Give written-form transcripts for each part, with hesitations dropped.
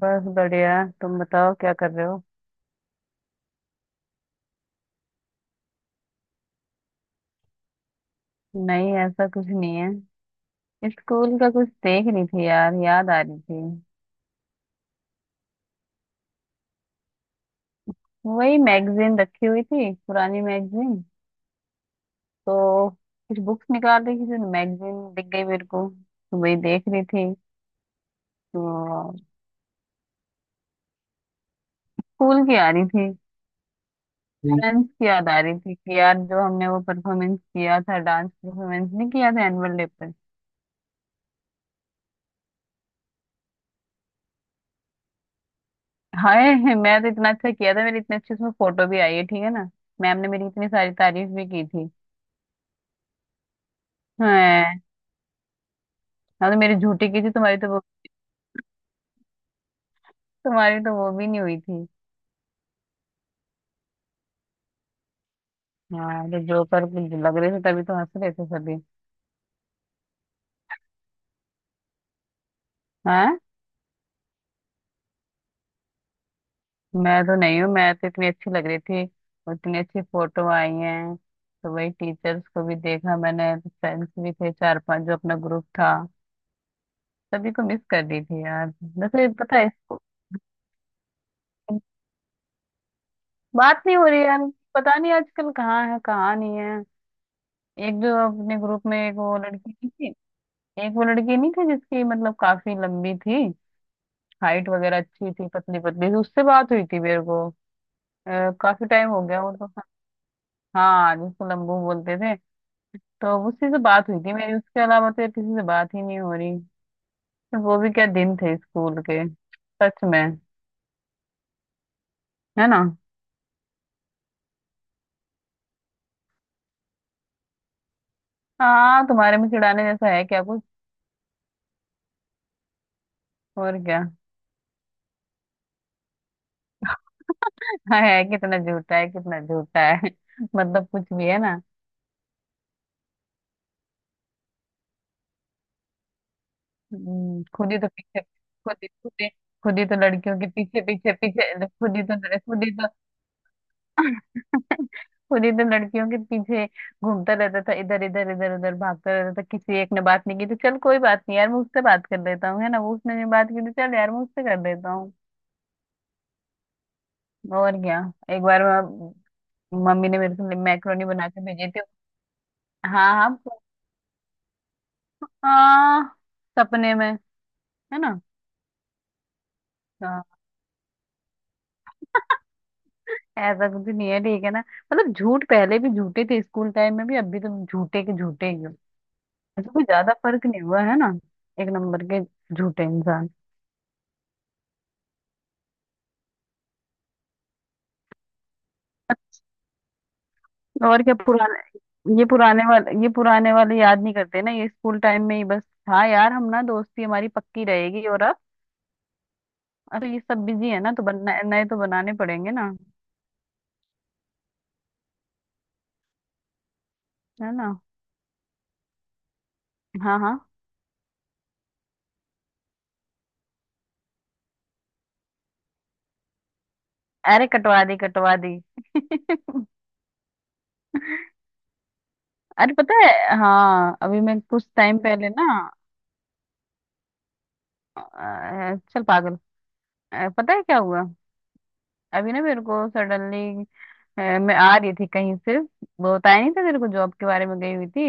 बस बढ़िया। तुम बताओ क्या कर रहे हो। नहीं, ऐसा कुछ नहीं है। स्कूल का कुछ देख रही थी यार, याद आ रही थी। वही मैगजीन रखी हुई थी, पुरानी मैगजीन। तो कुछ बुक्स निकाल रही थी तो मैगजीन दिख गई मेरे को, तो वही देख रही थी। तो स्कूल की आ रही थी। हम्म। डांस की याद आ रही थी कि यार जो हमने वो परफॉर्मेंस किया था, डांस परफॉर्मेंस नहीं किया था एनुअल डे पर। हाय, मैं तो इतना अच्छा किया था, मेरी इतनी अच्छी उसमें फोटो भी आई है, ठीक है ना। मैम ने मेरी इतनी सारी तारीफ भी की थी। हैं? हाँ, तो मेरी झूठी की थी, तुम्हारी तो वो, तुम्हारी तो वो भी नहीं हुई थी। हाँ, तो जोकर लग रहे थे, तभी तो हंस रहे थे सभी। हाँ, मैं तो नहीं हूँ, मैं तो इतनी अच्छी लग रही थी। और इतनी अच्छी फोटो आई है। तो वही टीचर्स को भी देखा मैंने, फ्रेंड्स भी थे 4-5 जो अपना ग्रुप था। सभी को मिस कर रही थी यार। वैसे पता है इसको, बात नहीं हो रही यार। पता नहीं आजकल कहाँ है कहाँ नहीं है। एक जो अपने ग्रुप में एक वो लड़की नहीं थी, एक वो लड़की नहीं थी जिसकी मतलब काफी लंबी थी, हाइट वगैरह अच्छी थी, पतली पतली थी, उससे बात हुई थी मेरे को। काफी टाइम हो गया वो तो। हाँ, जिसको लंबू बोलते थे, तो उसी से बात हुई थी मेरी। उसके अलावा तो यार किसी से बात ही नहीं हो रही। पर वो भी क्या दिन थे स्कूल के, सच में। है ना। हाँ, तुम्हारे में चिढ़ाने जैसा है क्या कुछ। और क्या। हाँ, है, कितना झूठा है कितना झूठा है। मतलब कुछ भी, है ना। खुद ही तो पीछे खुद ही खुद ही खुद ही तो लड़कियों के पीछे पीछे पीछे खुद ही तो पूरी दिन लड़कियों के पीछे घूमता रहता था, इधर इधर इधर उधर भागता रहता था, किसी एक ने बात नहीं की तो चल कोई बात नहीं यार मैं उससे बात कर लेता हूँ, है ना। वो उसने नहीं बात की तो चल यार मैं उससे कर लेता हूँ। और क्या। एक बार मैं- मम्मी ने मेरे से मैक्रोनी बना के भेजी थी। हाँ हाँ। हाँ। सपने में। है ना। हाँ। ऐसा कुछ नहीं है, ठीक है ना। मतलब झूठ पहले भी झूठे थे स्कूल टाइम में भी, अब भी तुम झूठे के झूठे ही हो। ऐसा कोई ज्यादा फर्क नहीं हुआ, है ना। 1 नंबर के झूठे इंसान। और क्या, पुराने ये पुराने वाले, ये पुराने वाले याद नहीं करते ना, ये स्कूल टाइम में ही बस। हाँ यार, हम ना दोस्ती हमारी पक्की रहेगी। और अब तो ये सब बिजी है ना, तो बनना नए नए तो बनाने पड़ेंगे ना। है ना। हाँ हाँ। अरे, कटवा दी कटवा दी। अरे, पता है। हाँ, अभी मैं कुछ टाइम पहले ना, चल पागल, पता है क्या हुआ। अभी ना मेरे को सडनली, मैं आ रही थी कहीं से, वो बताया नहीं था तेरे को जॉब के बारे में, गई हुई थी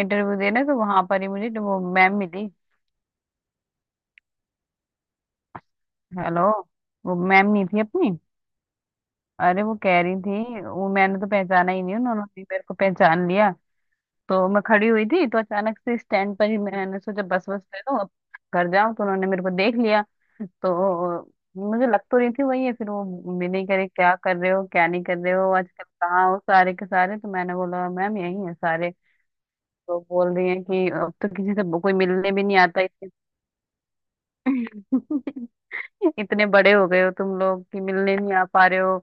इंटरव्यू देने, तो वहां पर ही मुझे वो मैम मिली। हेलो। वो मैम नहीं थी अपनी। अरे, वो कह रही थी, वो मैंने तो पहचाना ही नहीं, उन्होंने भी मेरे को पहचान लिया। तो मैं खड़ी हुई थी तो अचानक से स्टैंड पर ही मैंने सोचा बस, बस ले दो अब घर जाऊं, तो उन्होंने मेरे को देख लिया। तो मुझे लग तो रही थी वही है, फिर वो भी नहीं, करे क्या कर रहे हो क्या नहीं कर रहे हो आजकल, कहाँ हो सारे के सारे। तो मैंने बोला मैम यही है सारे। तो बोल रही है कि अब तो किसी से कोई मिलने भी नहीं आता, इतने इतने बड़े हो गए हो तुम लोग कि मिलने नहीं आ पा रहे हो।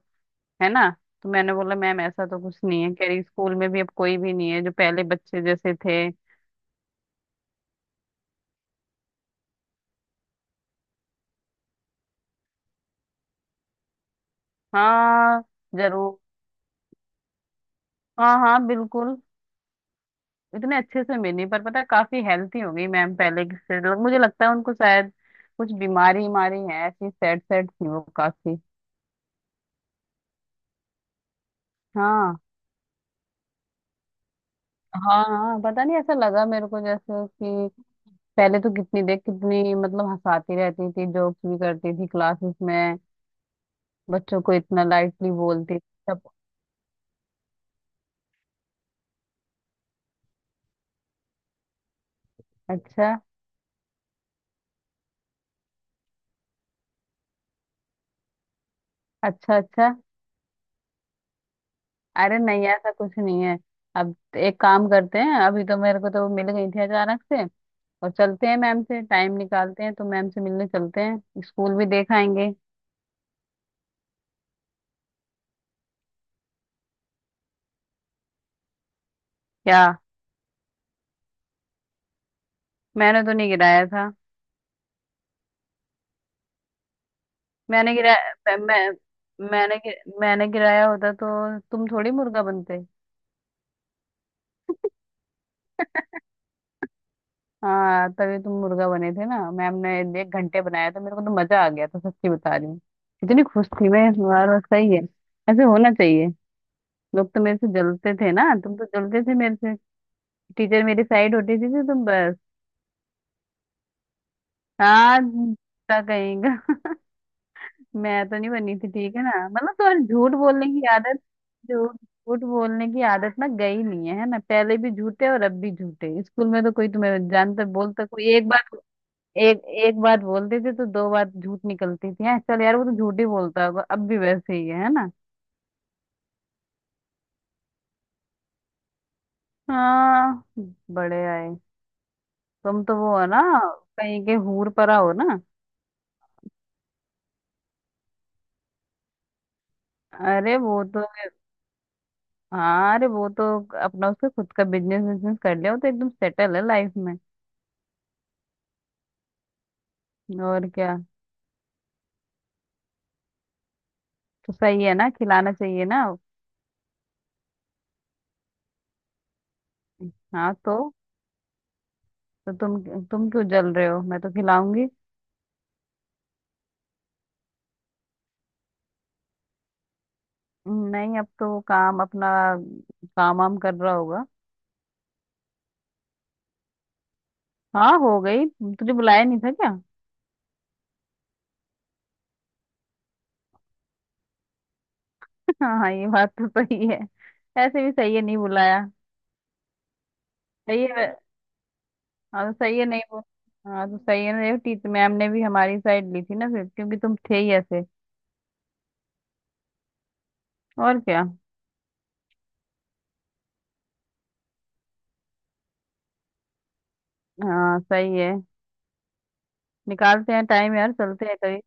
है ना। तो मैंने बोला मैम ऐसा तो कुछ नहीं है। कह रही स्कूल में भी अब कोई भी नहीं है जो पहले बच्चे जैसे थे। हाँ, जरूर। हाँ हाँ, बिल्कुल। इतने अच्छे से मिली, पर पता है, काफी हेल्थी हो गई मैम पहले से। मुझे लगता है उनको शायद कुछ बीमारी बीमारी है ऐसी। सैड सैड थी वो काफी। हाँ। हाँ हाँ, पता नहीं ऐसा लगा मेरे को जैसे कि पहले तो कितनी देर कितनी मतलब हंसाती रहती थी, जोक्स भी करती थी क्लासेस में, बच्चों को इतना लाइटली बोलती थी सब। अच्छा। अच्छा अच्छा। अरे नहीं, ऐसा कुछ नहीं है। अब एक काम करते हैं, अभी तो मेरे को तो मिल गई थी अचानक से, और चलते हैं मैम से, टाइम निकालते हैं तो मैम से मिलने चलते हैं, स्कूल भी देख आएंगे। क्या? मैंने तो नहीं गिराया था। मैंने गिराया? मैं, मैंने गि- मैंने गिराया होता तो तुम थोड़ी मुर्गा बनते। हाँ, तभी तुम मुर्गा बने थे ना। मैम ने 1 घंटे बनाया था, मेरे को तो मजा आ गया था, सच्ची बता रही हूँ। इतनी खुश थी मैं इस बार। बस सही है, ऐसे होना चाहिए। लोग तो मेरे से जलते थे ना, तुम तो जलते थे मेरे से। टीचर मेरी साइड होती थी, तो बस। हाँ, का कहेगा। मैं तो नहीं बनी थी, ठीक है ना। मतलब तुम्हारी झूठ बोलने की आदत, झूठ झूठ बोलने की आदत ना गई नहीं है, है ना। पहले भी झूठे और अब भी झूठे। स्कूल में तो कोई तुम्हें जानता, बोलता कोई एक बात, एक एक बात बोलते थे तो दो बात झूठ निकलती थी। हैं, चल यार वो तो झूठ ही बोलता होगा अब भी वैसे ही है ना। हाँ, बड़े आए। तुम तो वो हो ना, कहीं के हूर परा हो ना। अरे, वो तो, हाँ अरे वो तो अपना उसका खुद का बिजनेस बिजनेस कर लिया, वो तो एकदम सेटल है लाइफ में। और क्या, तो सही है ना, खिलाना चाहिए ना। हाँ तो, तुम क्यों जल रहे हो, मैं तो खिलाऊंगी। नहीं अब तो वो काम अपना, काम वाम कर रहा होगा। हाँ, हो गई। तुझे बुलाया नहीं था क्या। हाँ हाँ, ये बात तो सही है। ऐसे भी सही है, नहीं बुलाया। सही है। हाँ तो सही है, नहीं वो, हाँ तो सही है ना। देखो, टीचर मैम ने भी हमारी साइड ली थी ना फिर, क्योंकि तुम थे ही ऐसे। और क्या। हाँ सही है, निकालते हैं टाइम यार, चलते हैं कभी।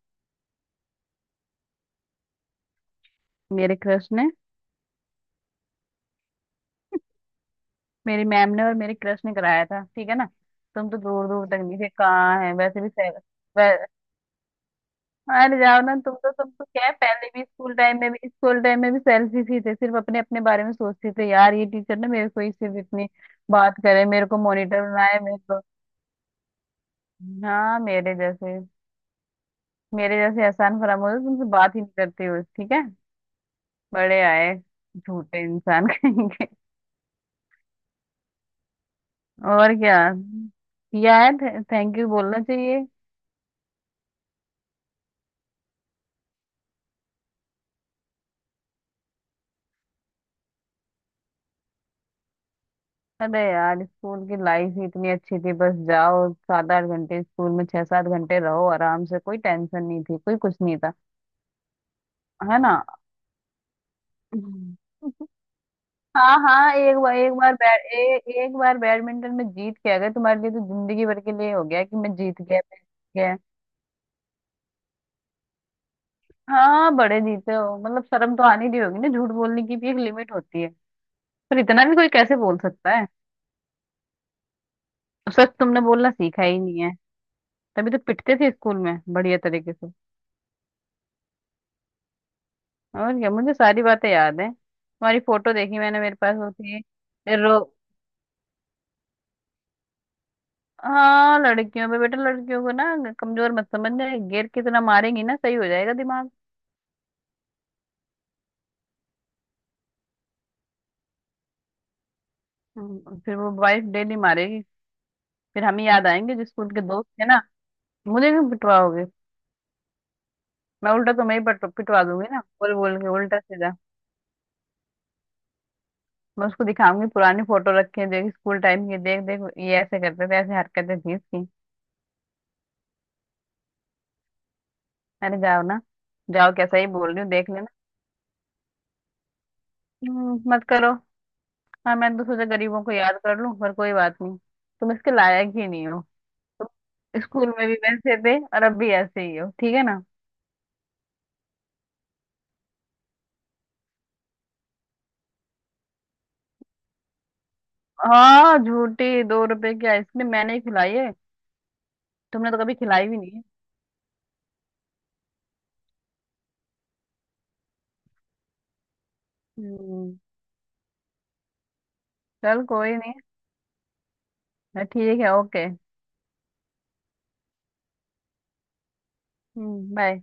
मेरे क्रश ने, मेरी मैम ने और मेरे क्रश ने कराया था, ठीक है ना। तुम तो दूर दूर तक नहीं थे। कहाँ है वैसे भी, सेल, वै... अरे जाओ ना। तुम तो, क्या है, पहले भी स्कूल टाइम में भी, सेल्फिश ही थे। सिर्फ अपने अपने बारे में सोचते थे यार। ये टीचर ना मेरे को ही सिर्फ इतनी बात करे, मेरे को मॉनिटर बनाए मेरे को। हाँ मेरे जैसे, एहसान फरामोश तुमसे बात ही नहीं करते हो, ठीक है। बड़े आए, झूठे इंसान। कहीं के। और क्या, किया है, थैंक यू बोलना चाहिए। अरे यार, स्कूल की लाइफ ही इतनी अच्छी थी। बस जाओ 7-8 घंटे स्कूल में, 6-7 घंटे रहो आराम से, कोई टेंशन नहीं थी, कोई कुछ नहीं था। है ना। हम्म। हाँ हाँ, एक बार एक बार बैडमिंटन में जीत के आ गए तुम्हारे लिए, तो जिंदगी भर के लिए हो गया कि मैं जीत गया मैं जीत गया। हाँ, बड़े जीते हो। मतलब शर्म तो आनी नहीं होगी ना, झूठ बोलने की भी एक लिमिट होती है, पर इतना भी कोई कैसे बोल सकता है। उस वक्त तुमने बोलना सीखा ही नहीं है। तभी तो पिटते थे स्कूल में बढ़िया तरीके से। और क्या, मुझे सारी बातें याद है। तुम्हारी फोटो देखी मैंने, मेरे पास वो थी। रो हाँ, लड़कियों पे, बेटा लड़कियों को ना कमजोर मत समझना, गिर कितना मारेंगी ना, सही हो जाएगा दिमाग। फिर वो वाइफ डेली मारेगी, फिर हम ही याद आएंगे जो स्कूल के दोस्त थे ना। मुझे क्यों पिटवाओगे। मैं उल्टा, तो मैं ही पिटवा दूंगी ना बोल बोल के उल्टा सीधा। मैं उसको दिखाऊंगी पुरानी फोटो रखी है, देख स्कूल टाइम की, देख देख ये ऐसे करते थे, ऐसे हरकतें थी इसकी। अरे जाओ ना, जाओ कैसा ही बोल रही हूँ, देख लेना। मत करो। हाँ, मैं तो सोचा गरीबों को याद कर लूं, पर कोई बात नहीं, तुम इसके लायक ही नहीं हो। तुम स्कूल में भी वैसे थे और अब भी ऐसे ही हो, ठीक है ना। हाँ, झूठी 2 रुपए की आइसक्रीम मैंने ही खिलाई है, तुमने तो कभी खिलाई भी नहीं है। हम्म चल कोई नहीं। हाँ, ठीक है ओके। बाय।